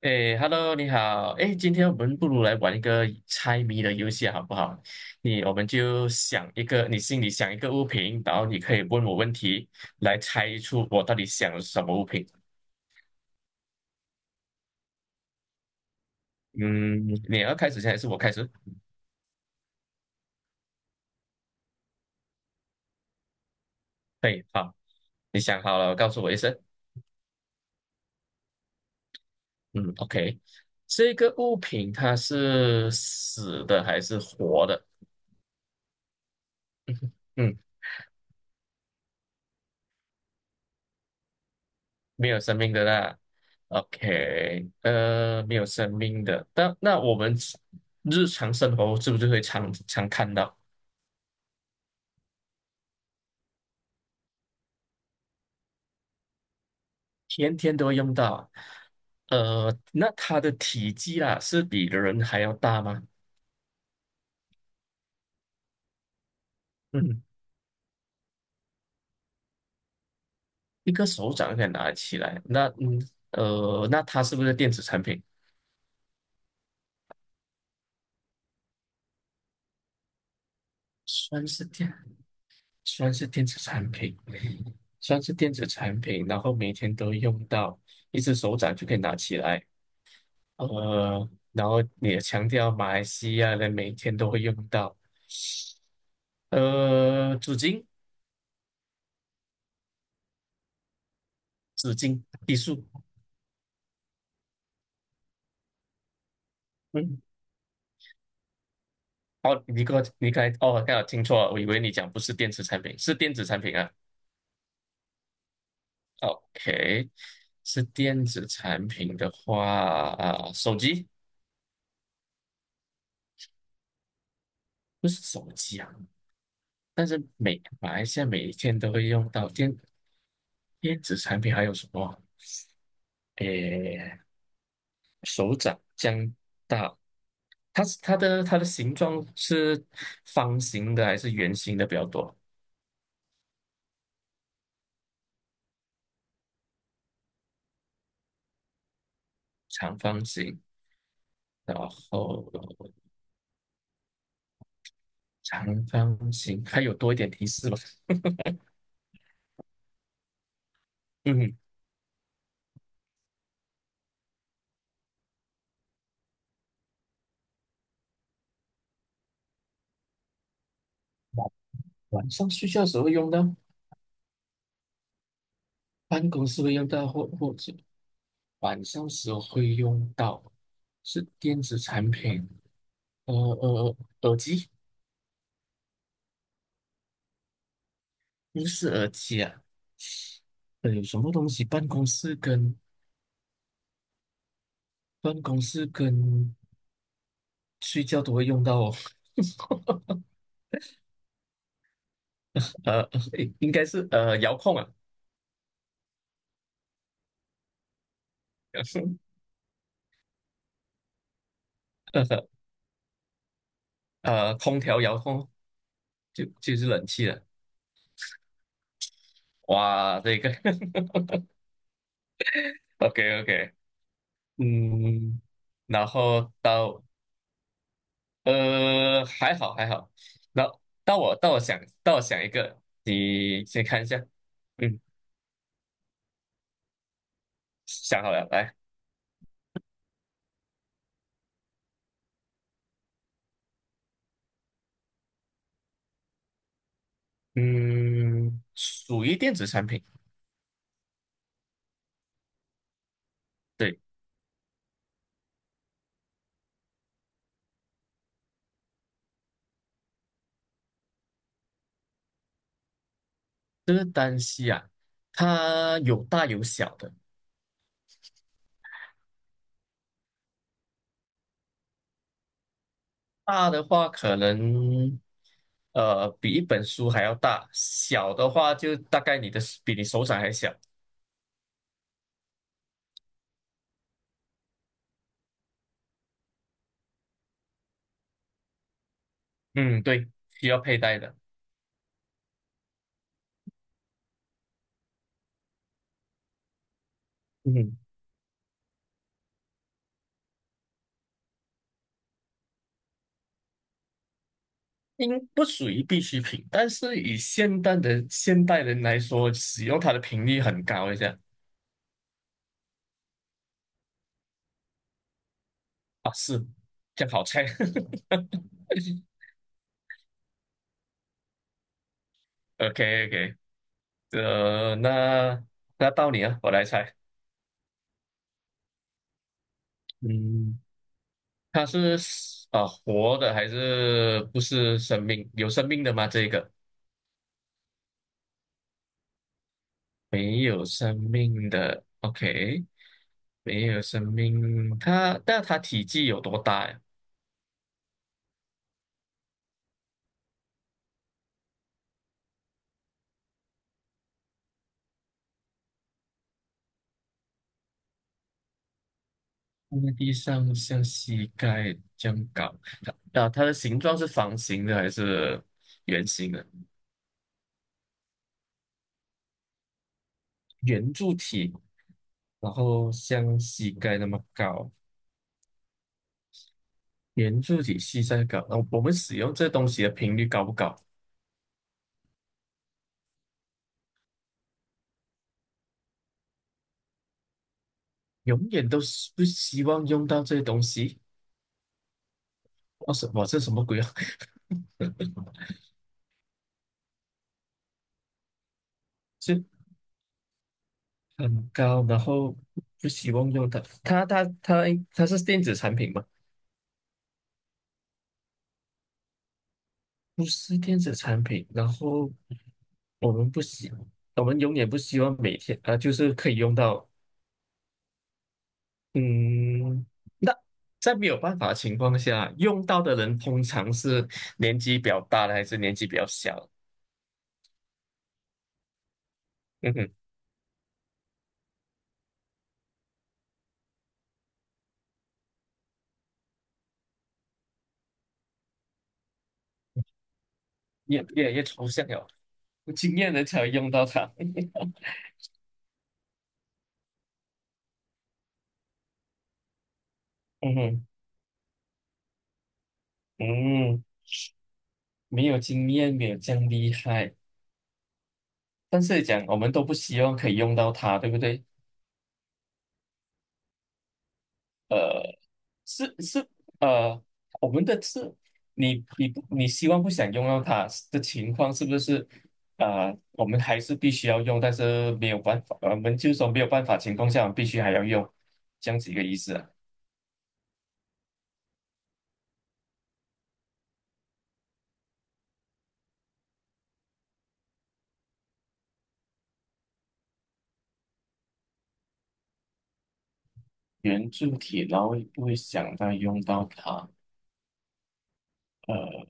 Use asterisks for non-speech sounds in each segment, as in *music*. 哎，Hello，你好。哎，今天我们不如来玩一个猜谜的游戏，好不好？我们就想一个，你心里想一个物品，然后你可以问我问题，来猜出我到底想了什么物品。嗯，你要开始先还是我开始？对，好，你想好了，告诉我一声。嗯，OK，这个物品它是死的还是活的？嗯嗯没有生命的啦。OK，没有生命的，但那我们日常生活是不是会常常看到，天天都会用到啊。那它的体积啦，是比人还要大吗？嗯，一个手掌可以拿起来。那它是不是电子产品？算是电，算是电子产品，算是电子产品，然后每天都用到，一只手掌就可以拿起来。然后你也强调马来西亚人每天都会用到，纸巾、纸巾、艺术，嗯，哦，你给我，你刚才，哦，刚好听错了，我以为你讲不是电子产品，是电子产品啊，OK，是电子产品的话，啊、手机不是手机啊，但是每马来西亚每一天都会用到电子产品还有什么？诶，手掌、姜大它是它的形状是方形的还是圆形的比较多？长方形，然后长方形，还有多一点提示吧。嗯，晚晚上睡觉的时候会用到，办公室会用到，或者晚上时候会用到，是电子产品，呃呃，呃耳机，不是耳机啊，有什么东西办公室跟睡觉都会用到哦。*laughs* 呃，*laughs* 诶应该是遥控啊，*laughs* 呃空调遥控就就是冷气了。哇，这个 *laughs* OK OK，嗯，然后到还好还好，那到我想一个，你先看一下，嗯，想好了，来，嗯，属于电子产品，对，这个单膝啊，它有大有小的，大的话可能。比一本书还要大，小的话就大概你的比你手掌还小。嗯，对，需要佩戴的。嗯，应不属于必需品，但是以现代人来说，使用它的频率很高一下啊，是这样好猜。*laughs* OK OK，那那到你啊，我来猜，嗯，它是啊、活的还是不是生命？有生命的吗？这个没有生命的。OK，没有生命，它但它体积有多大呀？放在地上像膝盖这样高，它啊，它的形状是方形的还是圆形的？圆柱体，然后像膝盖那么高，圆柱体膝盖高。然后我们使用这东西的频率高不高？永远都是不希望用到这些东西。哦，什么？这什么鬼啊？*laughs* 是很高，然后不希望用它。它它是电子产品吗？不是电子产品，然后我们不希，我们永远不希望每天啊、就是可以用到，嗯，那在没有办法的情况下，用到的人通常是年纪比较大的，还是年纪比较小的嗯哼，越来越抽象了，有经验人才会用到它。*laughs* 嗯哼，嗯，没有经验，没有这样厉害，但是讲我们都不希望可以用到它，对不对？呃。是是呃，我们的是，你希望不想用到它的情况是不是？我们还是必须要用，但是没有办法，我们就说没有办法情况下，我们必须还要用，这样子一个意思啊。圆柱体，然后也不会想到用到它。呃，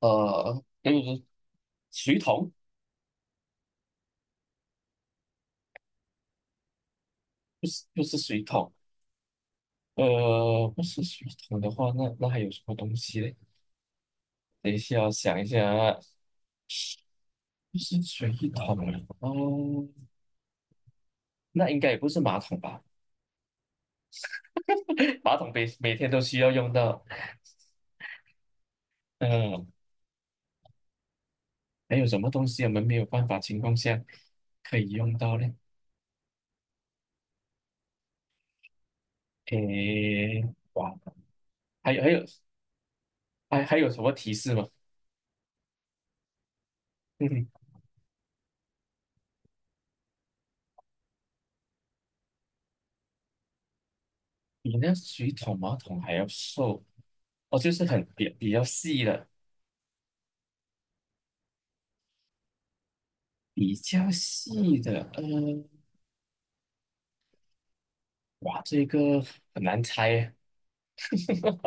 如说水桶，不是不是水桶，不是水桶的话，那那还有什么东西嘞？等一下，我想一下啊，不是水桶哦，那应该也不是马桶吧？*laughs* 马桶每每天都需要用到。嗯，还有什么东西我们没有办法情况下可以用到呢？诶，哇，还有还有还有什么提示吗？*laughs* 嗯，比那水桶、马桶还要瘦哦，就是比比较细的，比较细的。嗯，哇，这个很难猜耶。*laughs*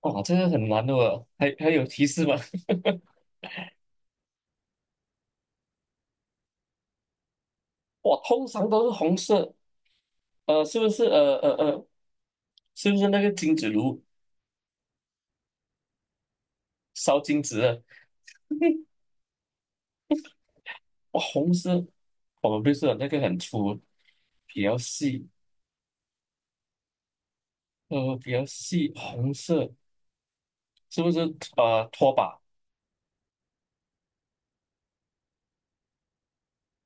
哇，这个很难的哦，还还有提示吗？*laughs* 我通常都是红色，是不是？是不是那个金子炉烧金子的？哇，红色，我们不是有那个很粗，比较细，比较细，红色是不是？拖把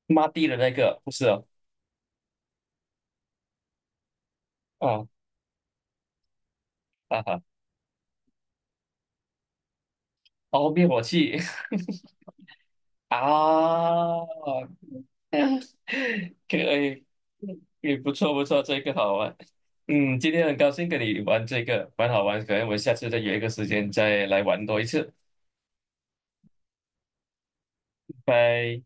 抹地的那个不是哦啊？啊啊哈，哦，灭火器 *laughs* 啊！*laughs* 可以，也不错不错，这个好玩。嗯，今天很高兴跟你玩这个，蛮好玩。可能我们下次再约一个时间再来玩多一次。拜。